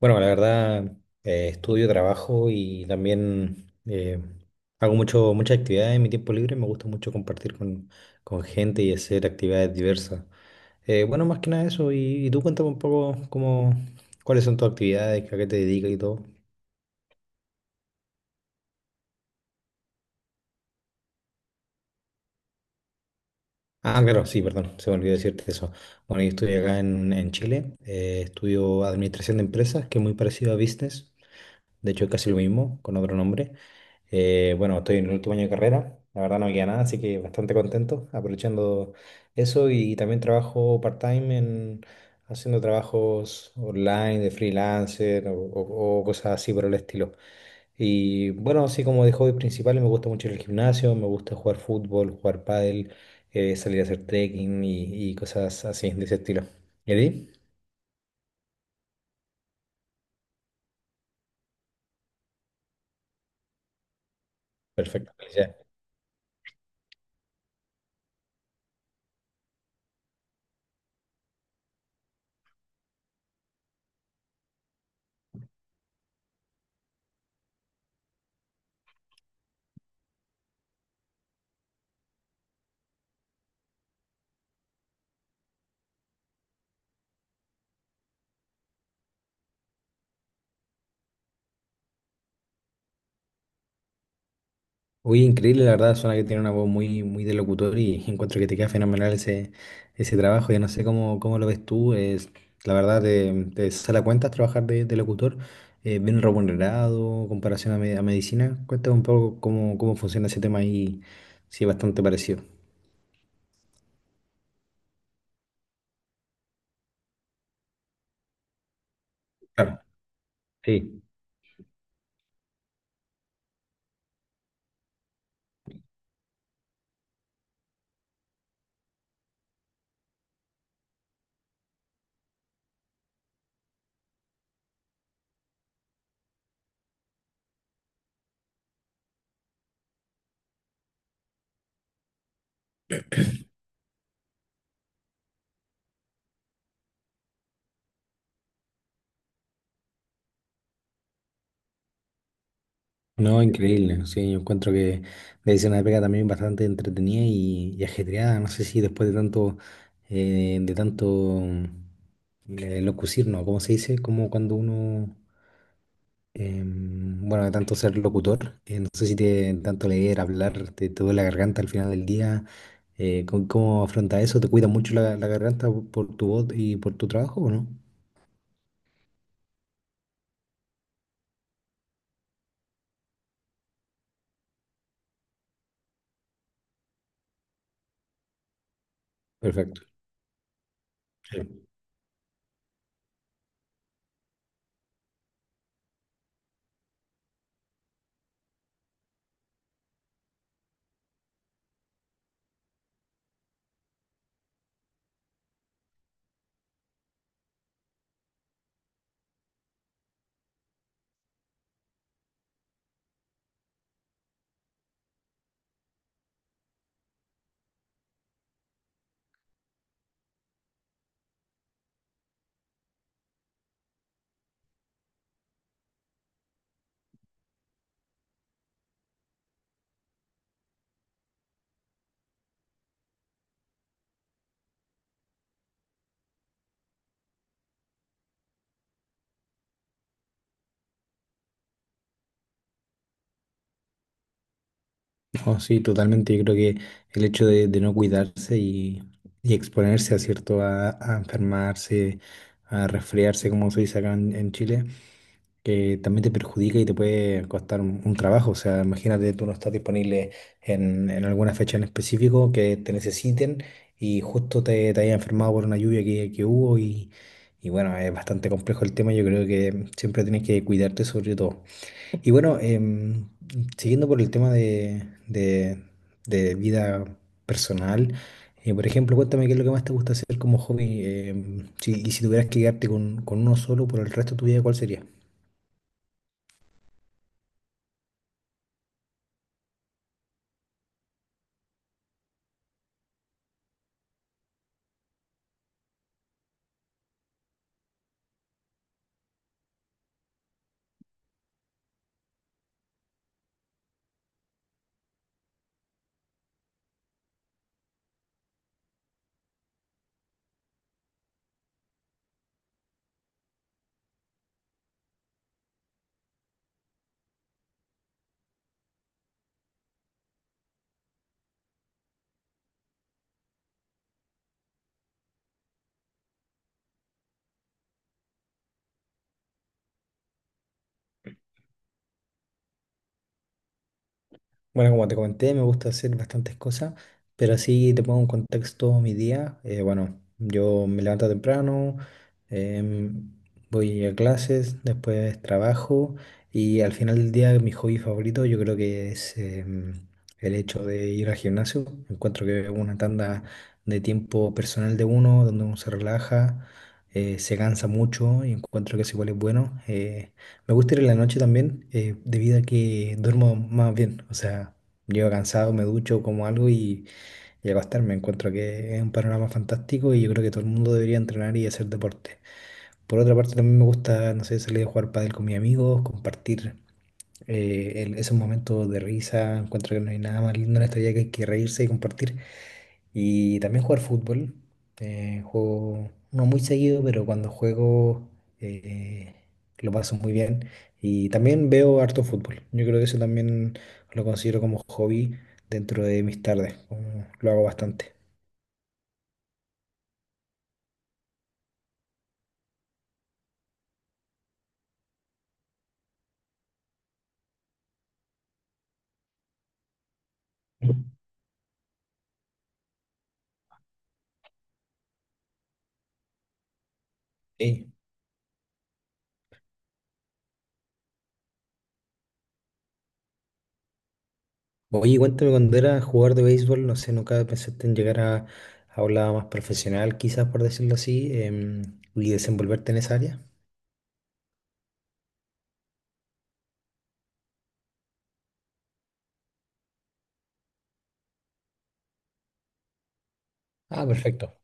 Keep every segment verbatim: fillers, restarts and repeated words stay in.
Bueno, la verdad, eh, estudio, trabajo y también eh, hago mucho, muchas actividades en mi tiempo libre. Me gusta mucho compartir con, con gente y hacer actividades diversas. Eh, bueno, más que nada eso. Y, y tú cuéntame un poco cómo, cuáles son tus actividades, a qué te dedicas y todo. Ah, claro, sí, perdón, se me olvidó decirte eso. Bueno, yo estudio acá en, en Chile. Eh, estudio Administración de Empresas, que es muy parecido a Business. De hecho, es casi lo mismo, con otro nombre. Eh, bueno, estoy en el último año de carrera, la verdad no me queda nada, así que bastante contento aprovechando eso y también trabajo part-time en haciendo trabajos online de freelancer o, o- o cosas así por el estilo. Y bueno, así como de hobbies principales me gusta mucho ir al gimnasio, me gusta jugar fútbol, jugar pádel, eh, salir a hacer trekking y, y cosas así de ese estilo. ¿Y a ti? Perfecto, felicidades. Uy, increíble, la verdad, suena que tiene una voz muy, muy de locutor y encuentro que te queda fenomenal ese, ese trabajo. Yo no sé cómo, cómo lo ves tú, es, la verdad te, te sale a cuentas trabajar de, de locutor, eh, bien remunerado, comparación a, me- a medicina. Cuéntame un poco cómo, cómo funciona ese tema y si es bastante parecido. Claro, sí. No, increíble, sí, yo encuentro que medicina de pega también bastante entretenida y, y ajetreada, no sé si después de tanto, eh, de tanto... Eh, Locucir, ¿no? ¿Cómo se dice? Como cuando uno, em, bueno, de tanto ser locutor, eh, no sé si te tanto leer, hablar, te, te duele la garganta al final del día. eh, ¿cómo, cómo afronta eso? ¿Te cuida mucho la, la garganta por, por tu voz y por tu trabajo o no? Perfecto. Sí. No, sí, totalmente. Yo creo que el hecho de, de no cuidarse y, y exponerse a cierto a, a enfermarse, a resfriarse, como se dice acá en en Chile, que también te perjudica y te puede costar un, un trabajo. O sea, imagínate, tú no estás disponible en, en alguna fecha en específico que te necesiten y justo te, te hayas enfermado por una lluvia que, que hubo y, y bueno, es bastante complejo el tema. Yo creo que siempre tienes que cuidarte sobre todo. Y bueno, em, siguiendo por el tema de, de, de vida personal. Eh, por ejemplo, cuéntame qué es lo que más te gusta hacer como hobby, em, si- y si tuvieras que quedarte con, con uno solo por el resto de tu vida, ¿cuál sería? Bueno, como te comenté, me gusta hacer bastantes cosas, pero así te pongo en contexto mi día. Eh, bueno, yo me levanto temprano, em, voy a clases, después trabajo y al final del día mi hobby favorito yo creo que es em, el hecho de ir al gimnasio. Encuentro que es una tanda de tiempo personal de uno, donde uno se relaja, eh, se cansa mucho y encuentro que eso igual es bueno. Eh, me gusta ir en la noche también, eh, debido a que duermo más bien. O sea, llego cansado, me ducho, como algo y, y a acostarme. Encuentro que es un panorama fantástico y yo creo que todo el mundo debería entrenar y hacer deporte. Por otra parte, también me gusta, no sé, salir a jugar pádel con mis amigos, compartir eh, el- esos momentos de risa. Encuentro que no hay nada más lindo en esta vida que, que reírse y compartir. Y también jugar fútbol. Eh, juego no muy seguido, pero cuando juego eh, lo paso muy bien. Y también veo harto fútbol. Yo creo que eso también lo considero como hobby dentro de mis tardes. Como Lo hago bastante. Sí. Oye, cuéntame cuando era jugador de béisbol, no sé, nunca pensaste en llegar a, a un lado más profesional, quizás por decirlo así, em, y desenvolverte en esa área. Ah, perfecto.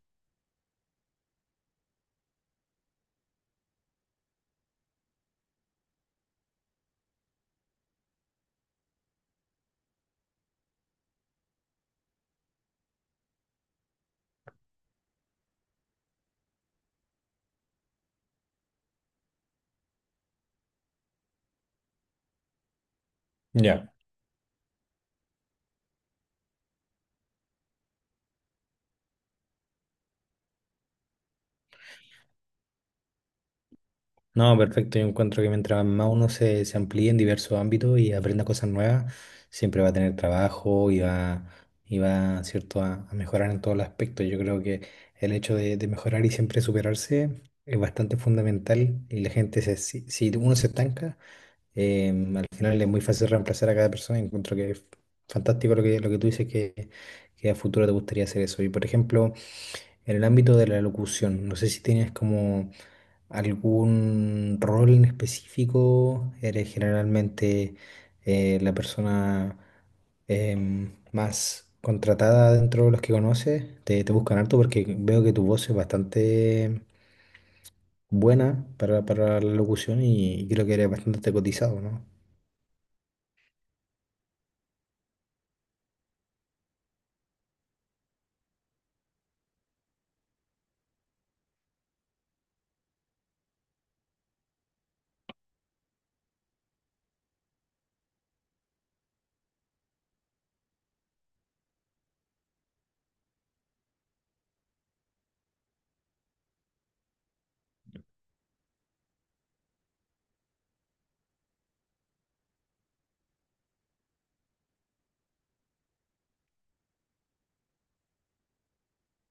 Ya. No, perfecto. Yo encuentro que mientras más uno se, se amplíe en diversos ámbitos y aprenda cosas nuevas, siempre va a tener trabajo y va, y va, ¿cierto?, a, a mejorar en todos los aspectos. Yo creo que el hecho de, de mejorar y siempre superarse es bastante fundamental y la gente, se, si, si uno se estanca, eh, al final es muy fácil reemplazar a cada persona. Encuentro que es fantástico lo que, lo que tú dices, que, que a futuro te gustaría hacer eso. Y, por ejemplo, en el ámbito de la locución, no sé si tienes como... ¿Algún rol en específico? ¿Eres generalmente eh, la persona em, más contratada dentro de los que conoces? ¿Te, te buscan harto? Porque veo que tu voz es bastante buena para, para la locución y creo que eres bastante cotizado, ¿no?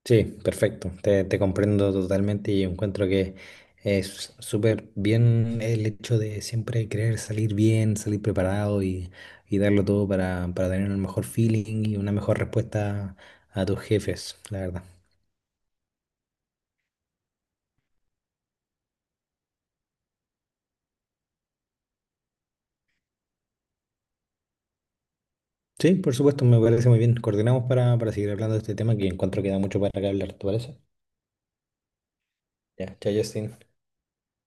Sí, perfecto. Te, te comprendo totalmente y encuentro que es súper bien el hecho de siempre querer salir bien, salir preparado y, y darlo todo para, para tener el mejor feeling y una mejor respuesta a tus jefes, la verdad. Sí, por supuesto, me parece muy bien. Coordinamos para, para seguir hablando de este tema que encuentro que da mucho para que hablar, ¿te parece? Ya, chao, Justin.